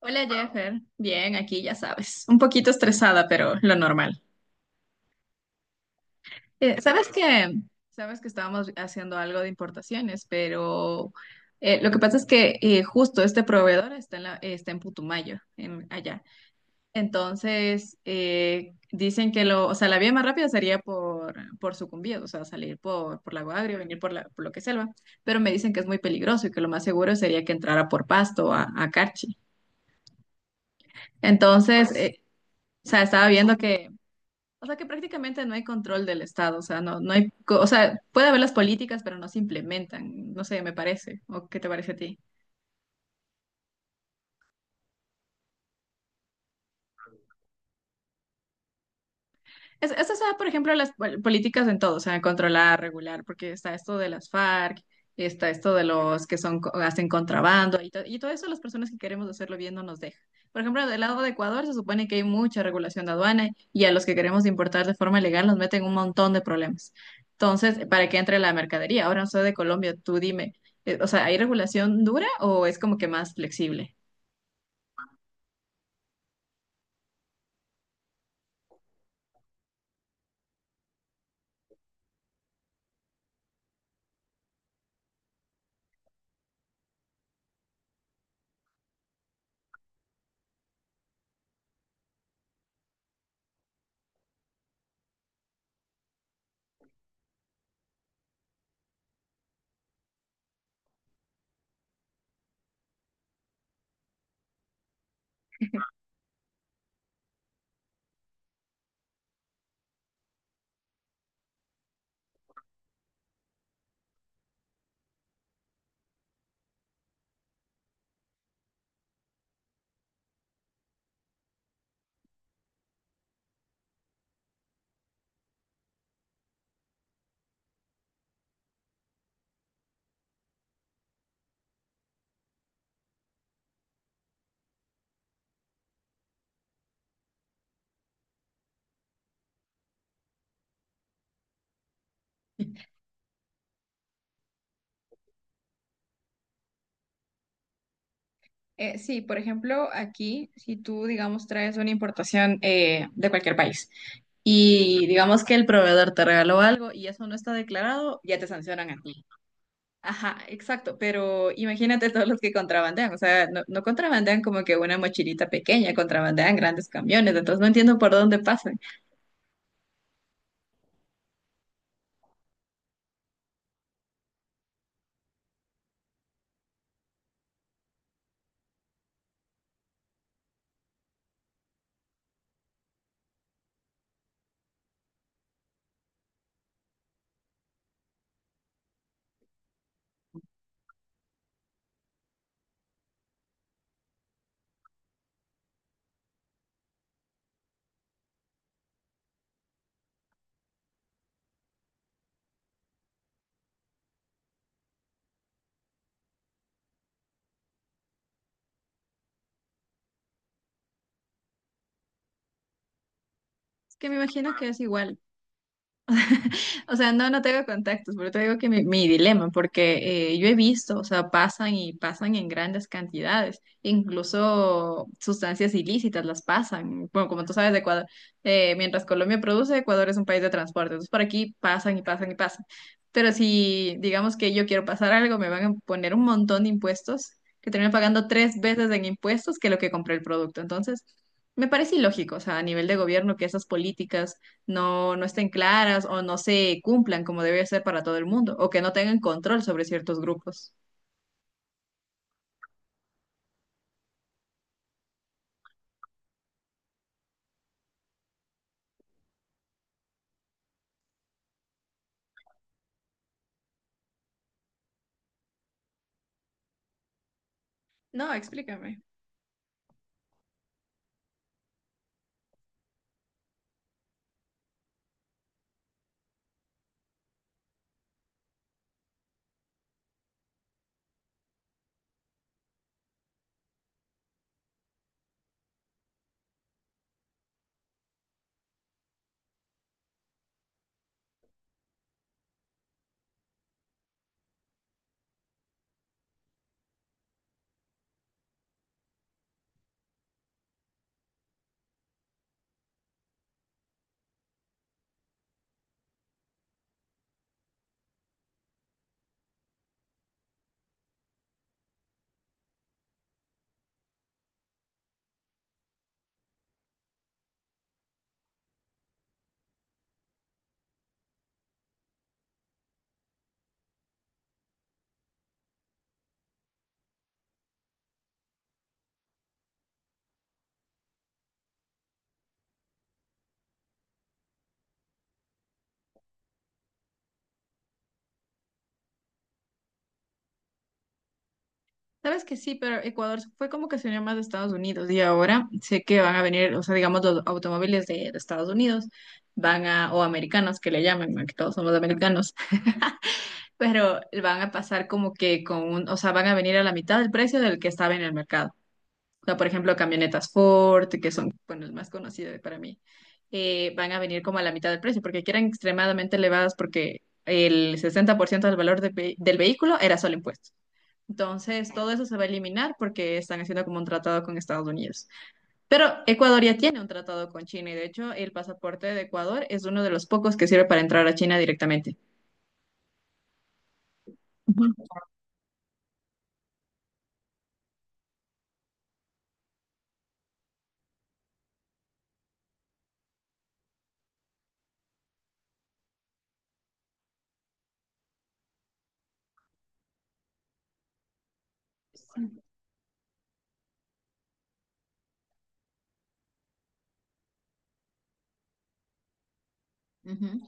Hola Jeffer, bien, aquí ya sabes, un poquito estresada, pero lo normal. Eh, sabes que, sabes que estábamos haciendo algo de importaciones, pero lo que pasa es que justo este proveedor está en Putumayo, allá. Entonces dicen que o sea, la vía más rápida sería por Sucumbíos, o sea, salir por Lago Agrio, venir por lo que es selva, pero me dicen que es muy peligroso y que lo más seguro sería que entrara por Pasto a Carchi. Entonces, o sea, estaba viendo que o sea que prácticamente no hay control del Estado, o sea, no hay, o sea, puede haber las políticas, pero no se implementan, no sé, me parece, ¿o qué te parece a ti? Esas son, por ejemplo, las políticas en todo, o sea, controlar, regular, porque está esto de las FARC, está esto de los que son, hacen contrabando y todo eso las personas que queremos hacerlo bien no nos deja. Por ejemplo, del lado de Ecuador se supone que hay mucha regulación de aduana y a los que queremos importar de forma legal nos meten un montón de problemas. Entonces, para que entre la mercadería, ahora no soy de Colombia, tú dime, o sea, ¿hay regulación dura o es como que más flexible? Sí, por ejemplo, aquí, si tú, digamos, traes una importación de cualquier país y digamos que el proveedor te regaló algo y eso no está declarado, ya te sancionan a ti. Ajá, exacto, pero imagínate todos los que contrabandean, o sea, no contrabandean como que una mochilita pequeña, contrabandean grandes camiones, entonces no entiendo por dónde pasan. Es que me imagino que es igual. O sea, no tengo contactos, pero te digo que mi dilema, porque yo he visto, o sea, pasan y pasan en grandes cantidades, incluso sustancias ilícitas las pasan. Bueno, como tú sabes, de Ecuador, mientras Colombia produce, Ecuador es un país de transporte, entonces por aquí pasan y pasan y pasan. Pero si digamos que yo quiero pasar algo, me van a poner un montón de impuestos, que termino pagando tres veces en impuestos que lo que compré el producto. Entonces, me parece ilógico, o sea, a nivel de gobierno, que esas políticas no estén claras o no se cumplan como debe ser para todo el mundo, o que no tengan control sobre ciertos grupos. No, explícame. Sabes que sí, pero Ecuador fue como que se unió más de Estados Unidos y ahora sé que van a venir, o sea, digamos, los automóviles de Estados Unidos van a, o americanos que le llamen, ¿no? Que todos somos americanos, pero van a pasar como que o sea, van a venir a la mitad del precio del que estaba en el mercado. O sea, por ejemplo, camionetas Ford, que son, bueno, el más conocido para mí, van a venir como a la mitad del precio, porque que eran extremadamente elevadas, porque el 60% del valor del vehículo era solo impuesto. Entonces, todo eso se va a eliminar porque están haciendo como un tratado con Estados Unidos. Pero Ecuador ya tiene un tratado con China y de hecho el pasaporte de Ecuador es uno de los pocos que sirve para entrar a China directamente. Ujú. Ujú.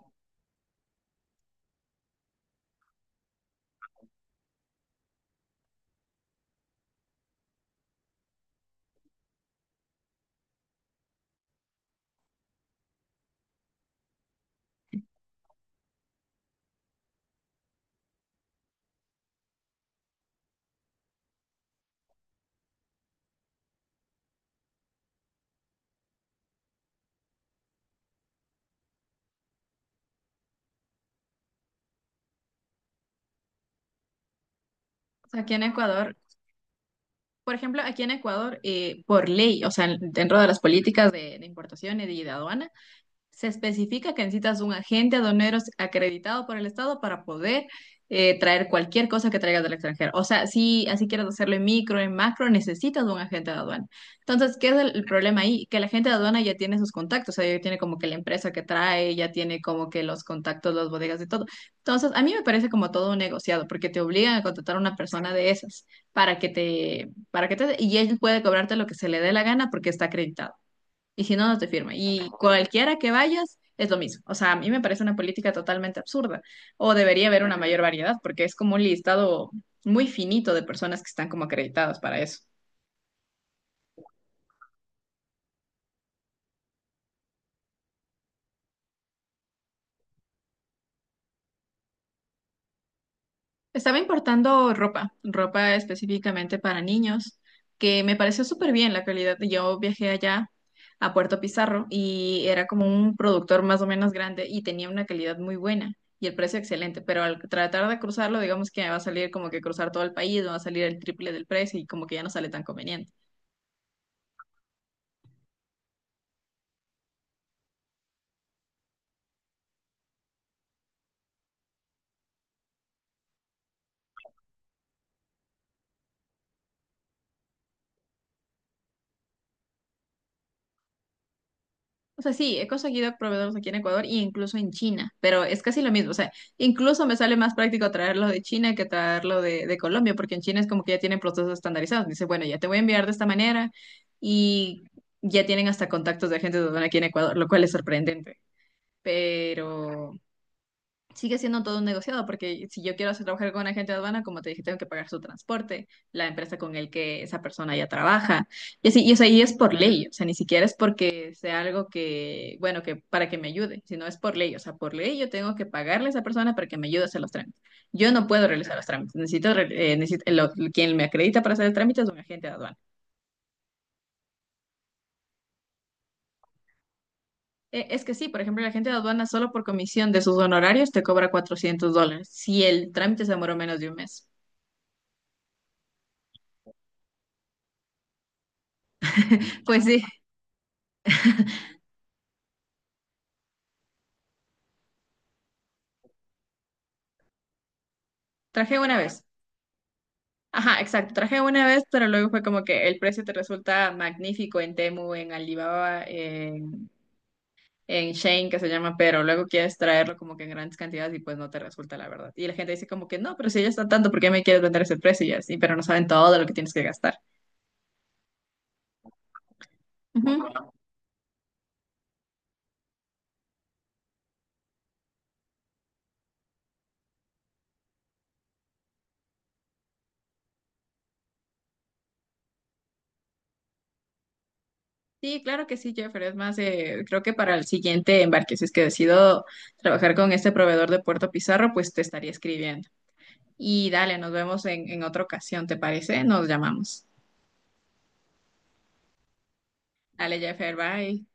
O sea, aquí en Ecuador, por ejemplo, aquí en Ecuador, por ley, o sea, dentro de las políticas de importación y de aduana, se especifica que necesitas un agente aduanero acreditado por el Estado para poder traer cualquier cosa que traigas del extranjero. O sea, si así quieres hacerlo en micro, en macro, necesitas un agente de aduana. Entonces, ¿qué es el problema ahí? Que el agente de aduana ya tiene sus contactos, o sea, ya tiene como que la empresa que trae, ya tiene como que los contactos, las bodegas y todo. Entonces, a mí me parece como todo un negociado, porque te obligan a contratar a una persona de esas y él puede cobrarte lo que se le dé la gana porque está acreditado y si no, no te firma. Y cualquiera que vayas es lo mismo. O sea, a mí me parece una política totalmente absurda. O debería haber una mayor variedad, porque es como un listado muy finito de personas que están como acreditadas para eso. Estaba importando ropa específicamente para niños, que me pareció súper bien la calidad. Yo viajé allá a Puerto Pizarro y era como un productor más o menos grande y tenía una calidad muy buena y el precio excelente, pero al tratar de cruzarlo, digamos que va a salir como que cruzar todo el país, va a salir el triple del precio y como que ya no sale tan conveniente. O sea, sí, he conseguido proveedores aquí en Ecuador e incluso en China, pero es casi lo mismo. O sea, incluso me sale más práctico traerlo de China que traerlo de Colombia, porque en China es como que ya tienen procesos estandarizados. Dice, bueno, ya te voy a enviar de esta manera y ya tienen hasta contactos de agentes de aduana aquí en Ecuador, lo cual es sorprendente. Pero sigue siendo todo un negociado, porque si yo quiero hacer trabajar con un agente de aduana, como te dije, tengo que pagar su transporte, la empresa con el que esa persona ya trabaja, y así, o sea, y es por ley, o sea, ni siquiera es porque sea algo que, bueno, que para que me ayude, sino es por ley, o sea, por ley yo tengo que pagarle a esa persona para que me ayude a hacer los trámites. Yo no puedo realizar los trámites, necesito, re- necesito- lo- quien me acredita para hacer el trámite es un agente de aduana. Es que sí, por ejemplo, la gente de aduana solo por comisión de sus honorarios te cobra $400 si el trámite se demoró menos de un mes. Pues sí, traje una vez. Ajá, exacto. Traje una vez, pero luego fue como que el precio te resulta magnífico en Temu, en Alibaba, en Shein, que se llama, pero luego quieres traerlo como que en grandes cantidades y pues no te resulta, la verdad. Y la gente dice como que no, pero si ya está tanto, ¿por qué me quieres vender ese precio? Y así, pero no saben todo lo que tienes que gastar. Ujú. Sí, claro que sí, Jeffrey. Es más, creo que para el siguiente embarque, si es que decido trabajar con este proveedor de Puerto Pizarro, pues te estaría escribiendo. Y dale, nos vemos en otra ocasión, ¿te parece? Nos llamamos. Dale, Jeffer, bye.